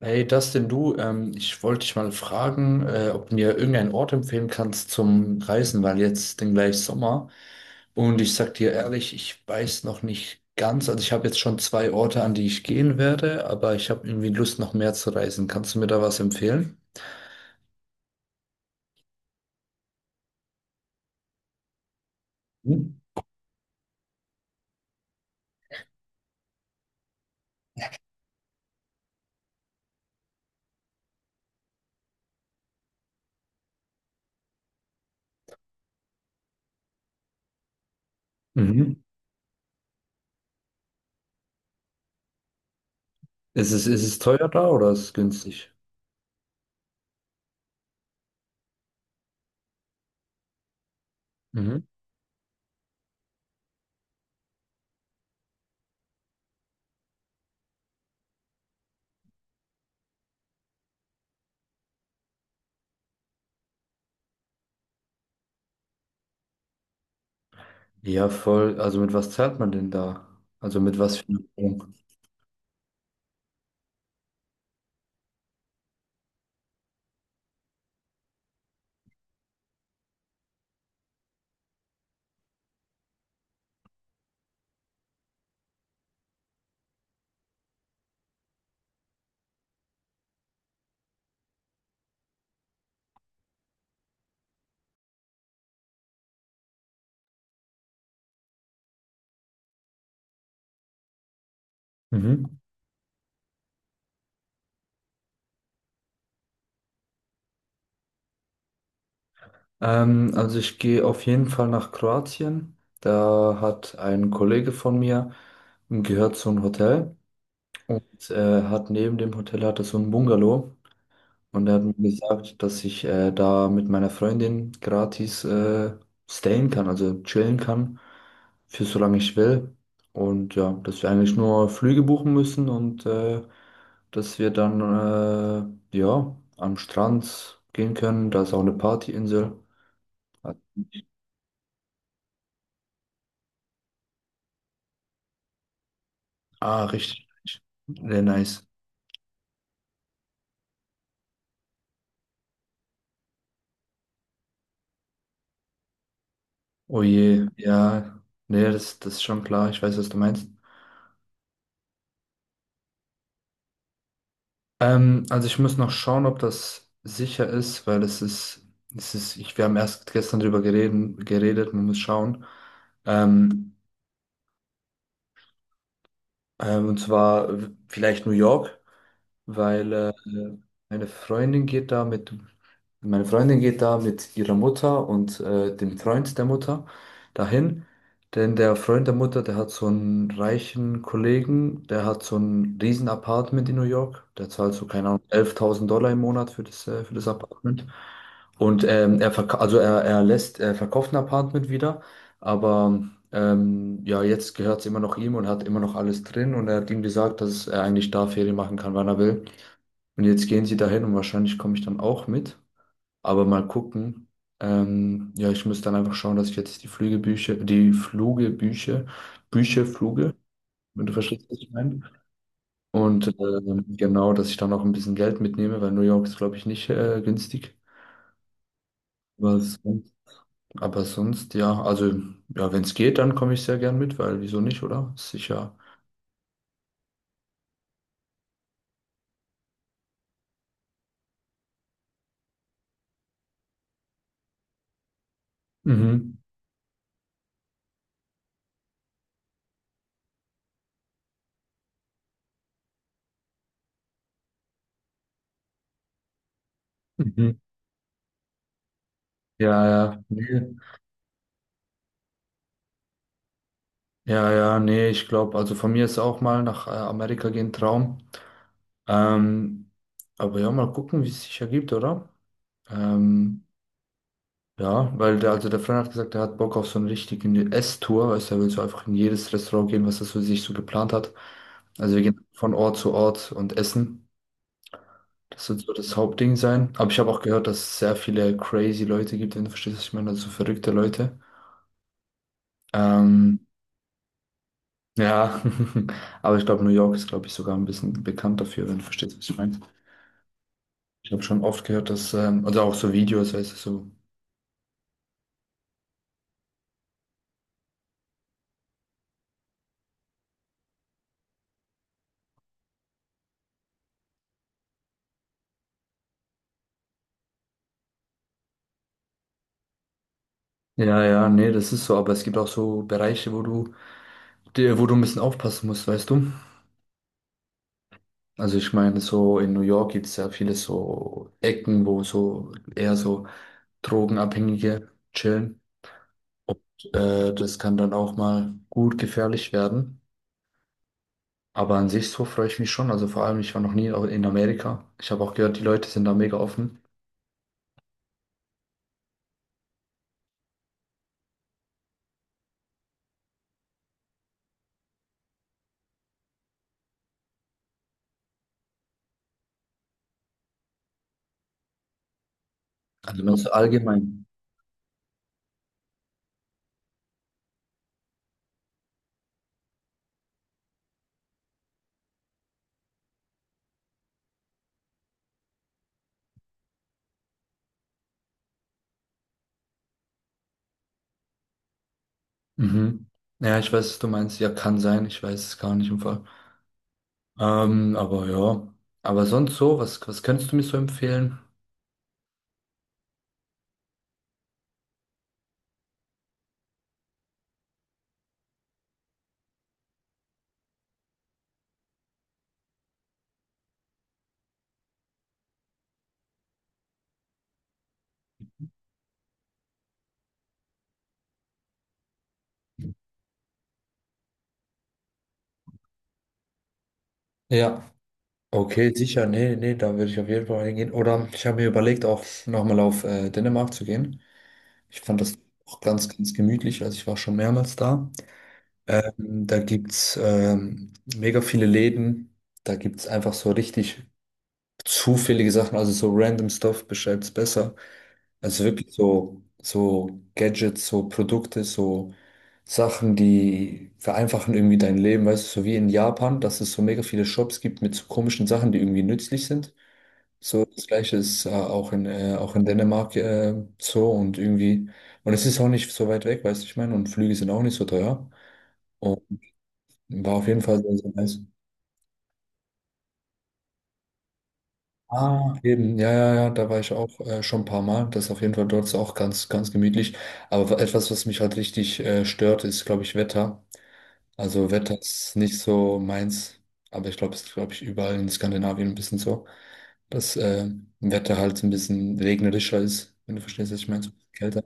Hey Dustin, du, ich wollte dich mal fragen, ob du mir irgendeinen Ort empfehlen kannst zum Reisen, weil jetzt den gleich Sommer. Und ich sag dir ehrlich, ich weiß noch nicht ganz. Also ich habe jetzt schon zwei Orte, an die ich gehen werde, aber ich habe irgendwie Lust, noch mehr zu reisen. Kannst du mir da was empfehlen? Mhm. Mhm. Ist es teuer da oder ist es günstig? Mhm. Ja, voll. Also mit was zahlt man denn da? Also mit was für einer Wohnung? Mhm. Also ich gehe auf jeden Fall nach Kroatien. Da hat ein Kollege von mir gehört zu einem Hotel und hat neben dem Hotel hat er so ein Bungalow und er hat mir gesagt, dass ich da mit meiner Freundin gratis stayen kann, also chillen kann für solange ich will. Und ja, dass wir eigentlich nur Flüge buchen müssen und dass wir dann ja am Strand gehen können. Da ist auch eine Partyinsel. Ah, richtig. Richtig. Sehr nice. Oh je, ja. Nee, das ist schon klar. Ich weiß, was du meinst. Also ich muss noch schauen, ob das sicher ist, weil es ist, ich, wir haben erst gestern drüber geredet, man muss schauen. Ähm, und zwar vielleicht New York. Weil meine Freundin geht da mit, meine Freundin geht da mit ihrer Mutter und dem Freund der Mutter dahin. Denn der Freund der Mutter, der hat so einen reichen Kollegen, der hat so ein riesen Apartment in New York. Der zahlt so, keine Ahnung, $11.000 im Monat für für das Apartment. Und also er lässt, er verkauft ein Apartment wieder, aber ja, jetzt gehört es immer noch ihm und hat immer noch alles drin und er hat ihm gesagt, dass er eigentlich da Ferien machen kann, wann er will. Und jetzt gehen sie dahin und wahrscheinlich komme ich dann auch mit. Aber mal gucken. Ja, ich muss dann einfach schauen, dass ich jetzt die Flügebücher, die Flugebücher, Bücher, Fluge, wenn du verstehst, was ich meine. Und genau, dass ich dann auch ein bisschen Geld mitnehme, weil New York ist, glaube ich, nicht günstig. Aber sonst, aber sonst, ja, also ja, wenn es geht, dann komme ich sehr gern mit, weil wieso nicht, oder? Ist sicher. Mhm. Mhm. Ja, ja, nee. Ja, ja, nee, ich glaube, also von mir ist auch mal nach Amerika gehen Traum. Ähm, aber ja, mal gucken, wie es sich ergibt, oder? Ähm, ja, weil also der Freund hat gesagt, er hat Bock auf so eine richtige Esstour, weißt du, er will so einfach in jedes Restaurant gehen, was er so sich so geplant hat. Also wir gehen von Ort zu Ort und essen. Das wird so das Hauptding sein. Aber ich habe auch gehört, dass es sehr viele crazy Leute gibt, wenn du verstehst, was ich meine, also so verrückte Leute. Ähm, Ja, aber ich glaube, New York ist, glaube ich, sogar ein bisschen bekannt dafür, wenn du verstehst, was ich meine. Ich habe schon oft gehört, dass, oder auch so Videos, weißt du, so. Ja, ja, nee, das ist so, aber es gibt auch so Bereiche, wo du ein bisschen aufpassen musst, weißt du? Also ich meine, so in New York gibt es ja viele so Ecken, wo so eher so Drogenabhängige chillen. Und das kann dann auch mal gut gefährlich werden. Aber an sich so freue ich mich schon. Also vor allem, ich war noch nie in Amerika. Ich habe auch gehört, die Leute sind da mega offen. Also nur so allgemein. Mhm. Ja, ich weiß, was du meinst. Ja, kann sein. Ich weiß es gar nicht im Fall. Aber ja. Aber sonst so, was könntest du mir so empfehlen? Ja, okay, sicher. Nee, nee, da würde ich auf jeden Fall hingehen. Oder ich habe mir überlegt, auch nochmal auf Dänemark zu gehen. Ich fand das auch ganz, ganz gemütlich. Also ich war schon mehrmals da. Da gibt es mega viele Läden. Da gibt es einfach so richtig zufällige Sachen, also so random Stuff beschreibt's besser. Also wirklich so, so Gadgets, so Produkte, so Sachen, die vereinfachen irgendwie dein Leben, weißt du, so wie in Japan, dass es so mega viele Shops gibt mit so komischen Sachen, die irgendwie nützlich sind. So, das Gleiche ist auch in Dänemark so und irgendwie, und es ist auch nicht so weit weg, weißt du, ich meine, und Flüge sind auch nicht so teuer. Und war auf jeden Fall sehr, sehr nice. Ah, eben, ja, ja, ja, da war ich auch schon ein paar Mal. Das ist auf jeden Fall dort ist auch ganz, ganz gemütlich. Aber etwas, was mich halt richtig stört, ist, glaube ich, Wetter. Also Wetter ist nicht so meins, aber ich glaube, es ist, glaube ich, überall in Skandinavien ein bisschen so, dass Wetter halt ein bisschen regnerischer ist, wenn du verstehst, was ich meine, so ein bisschen kälter.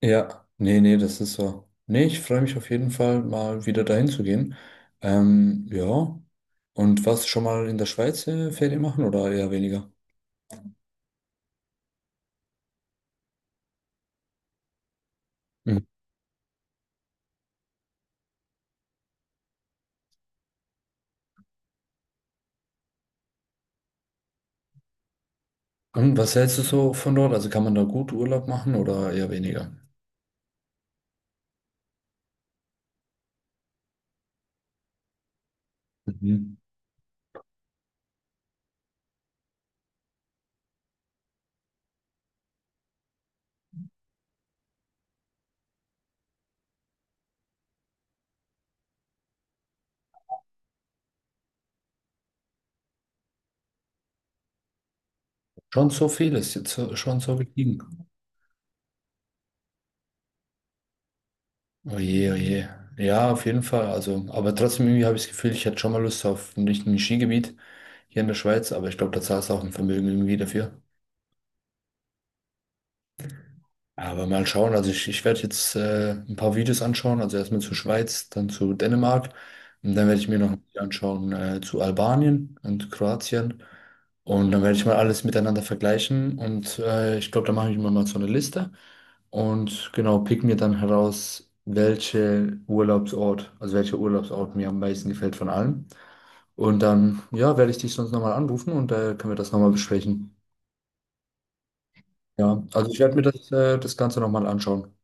Ja, nee, nee, das ist so. Nee, ich freue mich auf jeden Fall, mal wieder dahin zu gehen. Ja. Und warst du schon mal in der Schweiz Ferien machen oder eher weniger? Und was hältst du so von dort? Also kann man da gut Urlaub machen oder eher weniger? Mhm. Schon so viel ist jetzt schon so gestiegen. Oh je, oh je. Ja, auf jeden Fall. Also, aber trotzdem irgendwie habe ich das Gefühl, ich hätte schon mal Lust auf nicht ein richtiges Skigebiet hier in der Schweiz, aber ich glaube, da zahlst du auch ein Vermögen irgendwie dafür. Aber mal schauen, ich werde jetzt ein paar Videos anschauen, also erstmal zur Schweiz, dann zu Dänemark und dann werde ich mir noch ein Video anschauen zu Albanien und Kroatien und dann werde ich mal alles miteinander vergleichen und ich glaube, da mache ich mir mal so eine Liste und genau, pick mir dann heraus, also welcher Urlaubsort mir am meisten gefällt von allen und dann, ja, werde ich dich sonst nochmal anrufen und können wir das nochmal besprechen. Ja, also ich werde mir das Ganze nochmal anschauen.